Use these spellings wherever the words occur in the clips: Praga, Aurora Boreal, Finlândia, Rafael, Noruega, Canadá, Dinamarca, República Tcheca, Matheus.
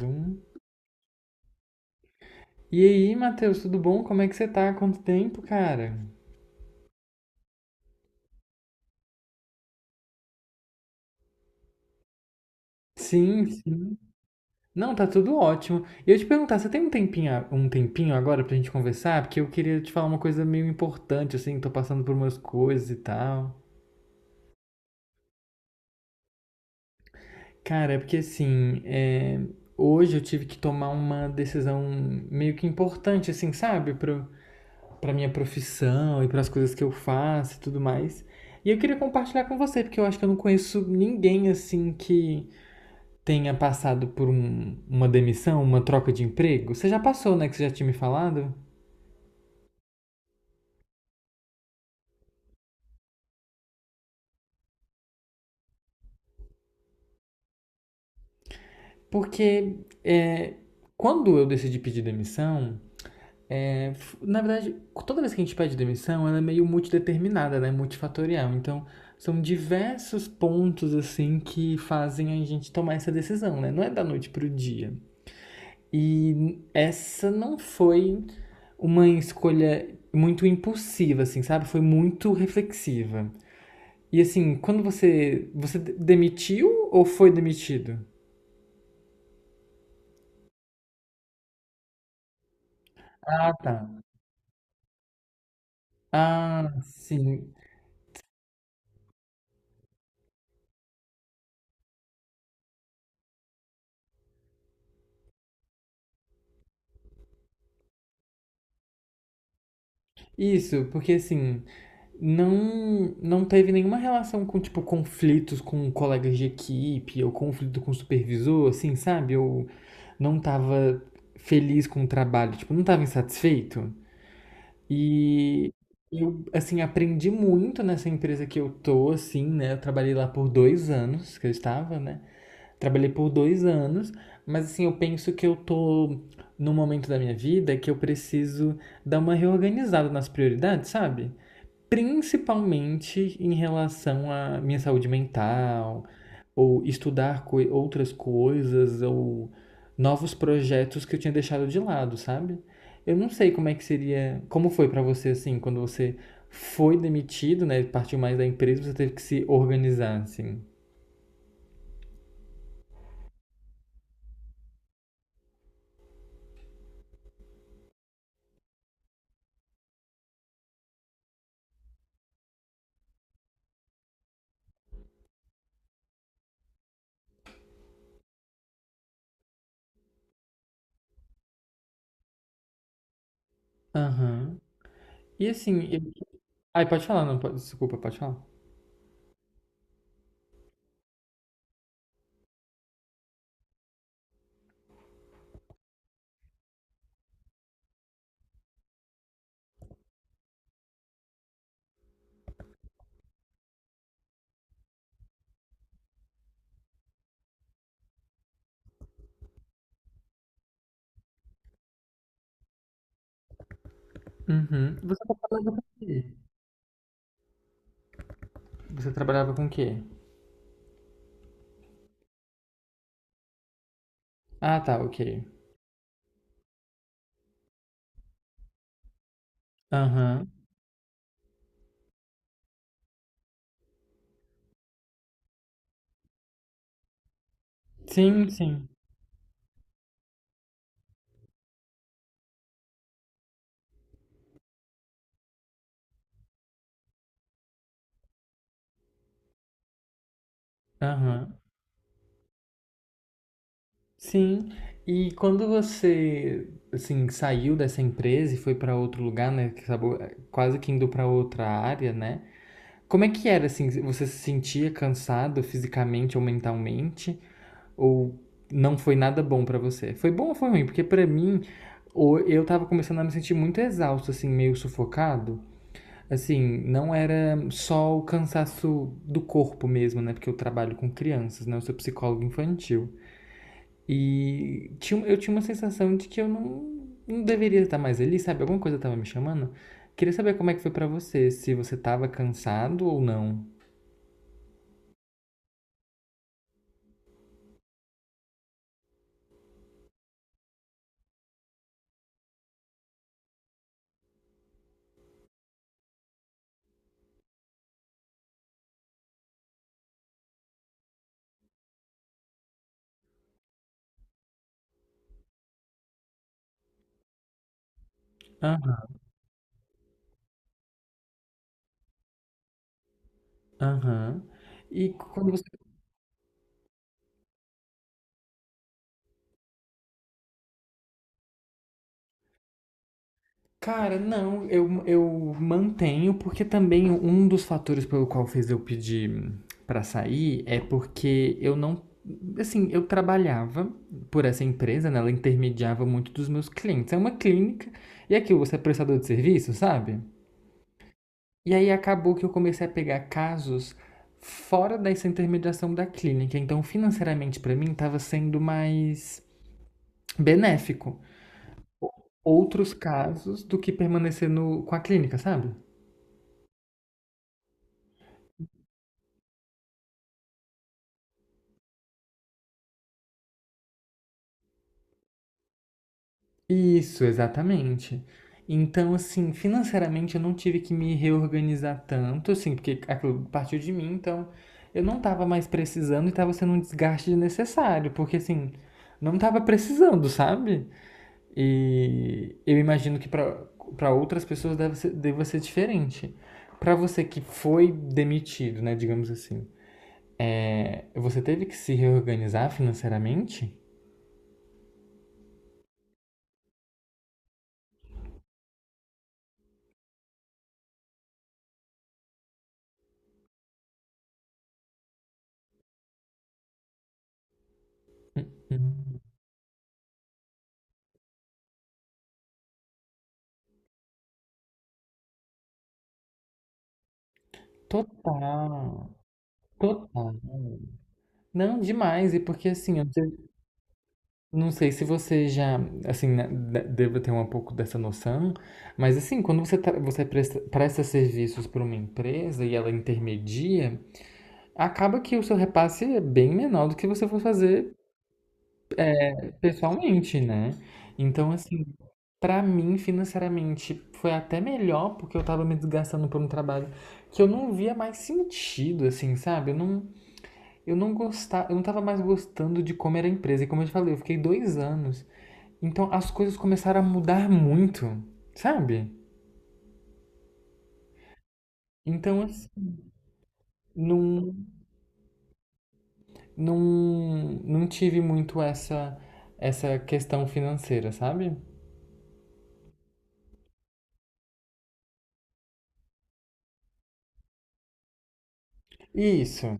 Zoom. E aí, Matheus, tudo bom? Como é que você tá? Quanto tempo, cara? Sim, sim. Não, tá tudo ótimo. E eu te perguntar, você tem um tempinho, um tempinho agora pra gente conversar? Porque eu queria te falar uma coisa meio importante, assim, tô passando por umas coisas e tal. Cara, é porque assim, hoje eu tive que tomar uma decisão meio que importante, assim, sabe? Pra minha profissão e pras coisas que eu faço e tudo mais. E eu queria compartilhar com você, porque eu acho que eu não conheço ninguém, assim, que tenha passado por uma demissão, uma troca de emprego? Você já passou, né? Que você já tinha me falado? Porque é, quando eu decidi pedir demissão, é, na verdade, toda vez que a gente pede demissão, ela é meio multideterminada, né? Multifatorial. Então, são diversos pontos, assim, que fazem a gente tomar essa decisão, né? Não é da noite pro dia. E essa não foi uma escolha muito impulsiva, assim, sabe? Foi muito reflexiva. E assim, quando você, você demitiu ou foi demitido? Ah, tá. Ah, sim. Isso, porque assim, não teve nenhuma relação com tipo conflitos com colegas de equipe ou conflito com o supervisor, assim, sabe? Eu não tava feliz com o trabalho, tipo, não tava insatisfeito. E eu assim aprendi muito nessa empresa que eu tô, assim, né? Eu trabalhei lá por dois anos que eu estava, né? Trabalhei por dois anos, mas assim, eu penso que eu tô num momento da minha vida que eu preciso dar uma reorganizada nas prioridades, sabe? Principalmente em relação à minha saúde mental, ou estudar outras coisas, ou novos projetos que eu tinha deixado de lado, sabe? Eu não sei como é que seria, como foi pra você assim, quando você foi demitido, né? Partiu mais da empresa, você teve que se organizar, assim. Aham. E assim, eu Ai, pode falar, não pode. Desculpa, pode falar. Uhum. Você trabalhava com o quê? Você trabalhava com o quê? Ah, tá, ok. Aham. Sim, sim. Aham. Sim. E quando você, assim, saiu dessa empresa e foi pra outro lugar, né? Que acabou quase que indo pra outra área, né? Como é que era, assim? Você se sentia cansado fisicamente ou mentalmente? Ou não foi nada bom pra você? Foi bom ou foi ruim? Porque pra mim, eu tava começando a me sentir muito exausto, assim, meio sufocado. Assim, não era só o cansaço do corpo mesmo, né? Porque eu trabalho com crianças, né? Eu sou psicólogo infantil. E tinha, eu tinha uma sensação de que eu não deveria estar mais ali, sabe? Alguma coisa tava me chamando. Queria saber como é que foi pra você, se você tava cansado ou não. Aham, aham. E quando você Cara, não, eu mantenho, porque também um dos fatores pelo qual fez eu pedir pra sair é porque eu não. Assim, eu trabalhava por essa empresa, né? Ela intermediava muito dos meus clientes. É uma clínica, e é aquilo, você é prestador de serviço, sabe? E aí acabou que eu comecei a pegar casos fora dessa intermediação da clínica. Então, financeiramente, pra mim, tava sendo mais benéfico outros casos do que permanecer no, com a clínica, sabe? Isso, exatamente. Então, assim, financeiramente eu não tive que me reorganizar tanto, assim, porque aquilo partiu de mim, então eu não tava mais precisando e tava sendo um desgaste desnecessário, porque assim, não tava precisando, sabe? E eu imagino que pra para outras pessoas deve ser, deva ser diferente. Pra você que foi demitido, né, digamos assim, você teve que se reorganizar financeiramente? Total, total. Não, demais. E porque assim, não sei se você já, assim, né, deva ter um pouco dessa noção, mas assim, quando você, você presta serviços para uma empresa e ela intermedia, acaba que o seu repasse é bem menor do que você for fazer pessoalmente, né? Então, assim, para mim, financeiramente, foi até melhor porque eu tava me desgastando por um trabalho que eu não via mais sentido, assim, sabe? Eu não gostava, eu não tava mais gostando de como era a empresa. E como eu te falei, eu fiquei dois anos. Então as coisas começaram a mudar muito, sabe? Então assim, não, não, não tive muito essa, essa questão financeira, sabe? Isso.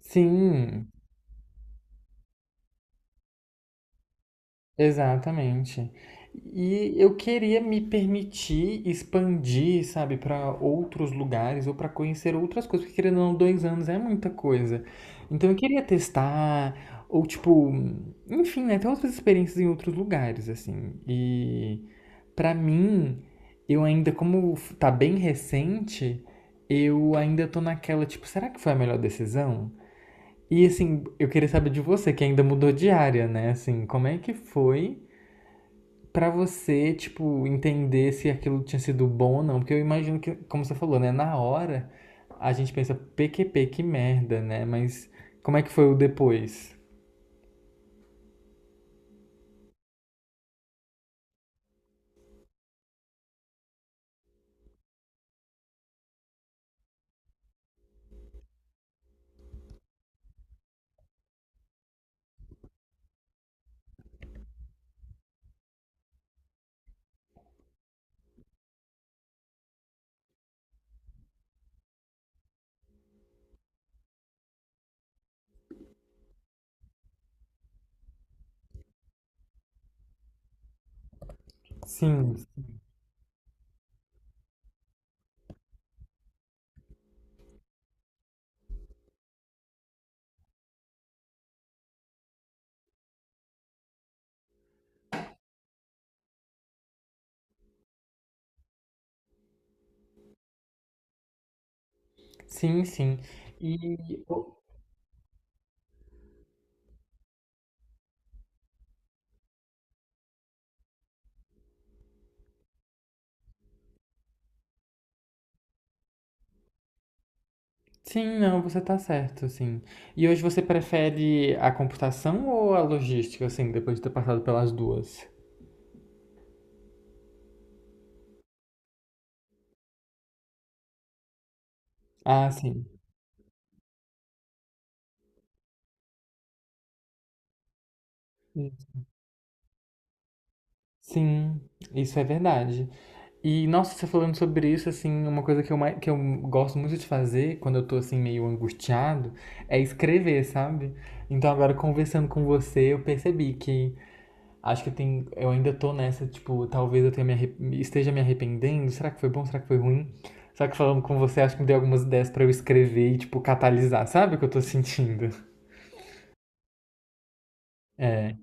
Sim, exatamente. E eu queria me permitir expandir, sabe, para outros lugares ou para conhecer outras coisas, porque querendo ou não, dois anos é muita coisa. Então eu queria testar, ou tipo, enfim, né, ter outras experiências em outros lugares, assim. E para mim, eu ainda, como tá bem recente, eu ainda tô naquela, tipo, será que foi a melhor decisão? E assim, eu queria saber de você, que ainda mudou de área, né? Assim, como é que foi pra você, tipo, entender se aquilo tinha sido bom ou não? Porque eu imagino que, como você falou, né? Na hora, a gente pensa, PQP, que merda, né? Mas como é que foi o depois? Sim, sim, sim. E. Sim, não, você tá certo, sim. E hoje você prefere a computação ou a logística, assim, depois de ter passado pelas duas? Ah, sim. Sim, isso é verdade. E, nossa, você falando sobre isso, assim, uma coisa que mais que eu gosto muito de fazer quando eu tô, assim, meio angustiado é escrever, sabe? Então, agora, conversando com você, eu percebi que acho que tem, eu ainda tô nessa, tipo, talvez eu tenha esteja me arrependendo. Será que foi bom? Será que foi ruim? Só que falando com você, acho que me deu algumas ideias pra eu escrever e, tipo, catalisar, sabe o que eu tô sentindo? É.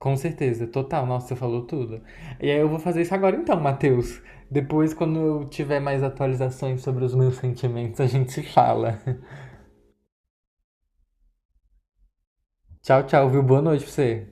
Com certeza, total. Nossa, você falou tudo. E aí eu vou fazer isso agora então, Matheus. Depois, quando eu tiver mais atualizações sobre os meus sentimentos, a gente se fala. Tchau, tchau, viu? Boa noite pra você.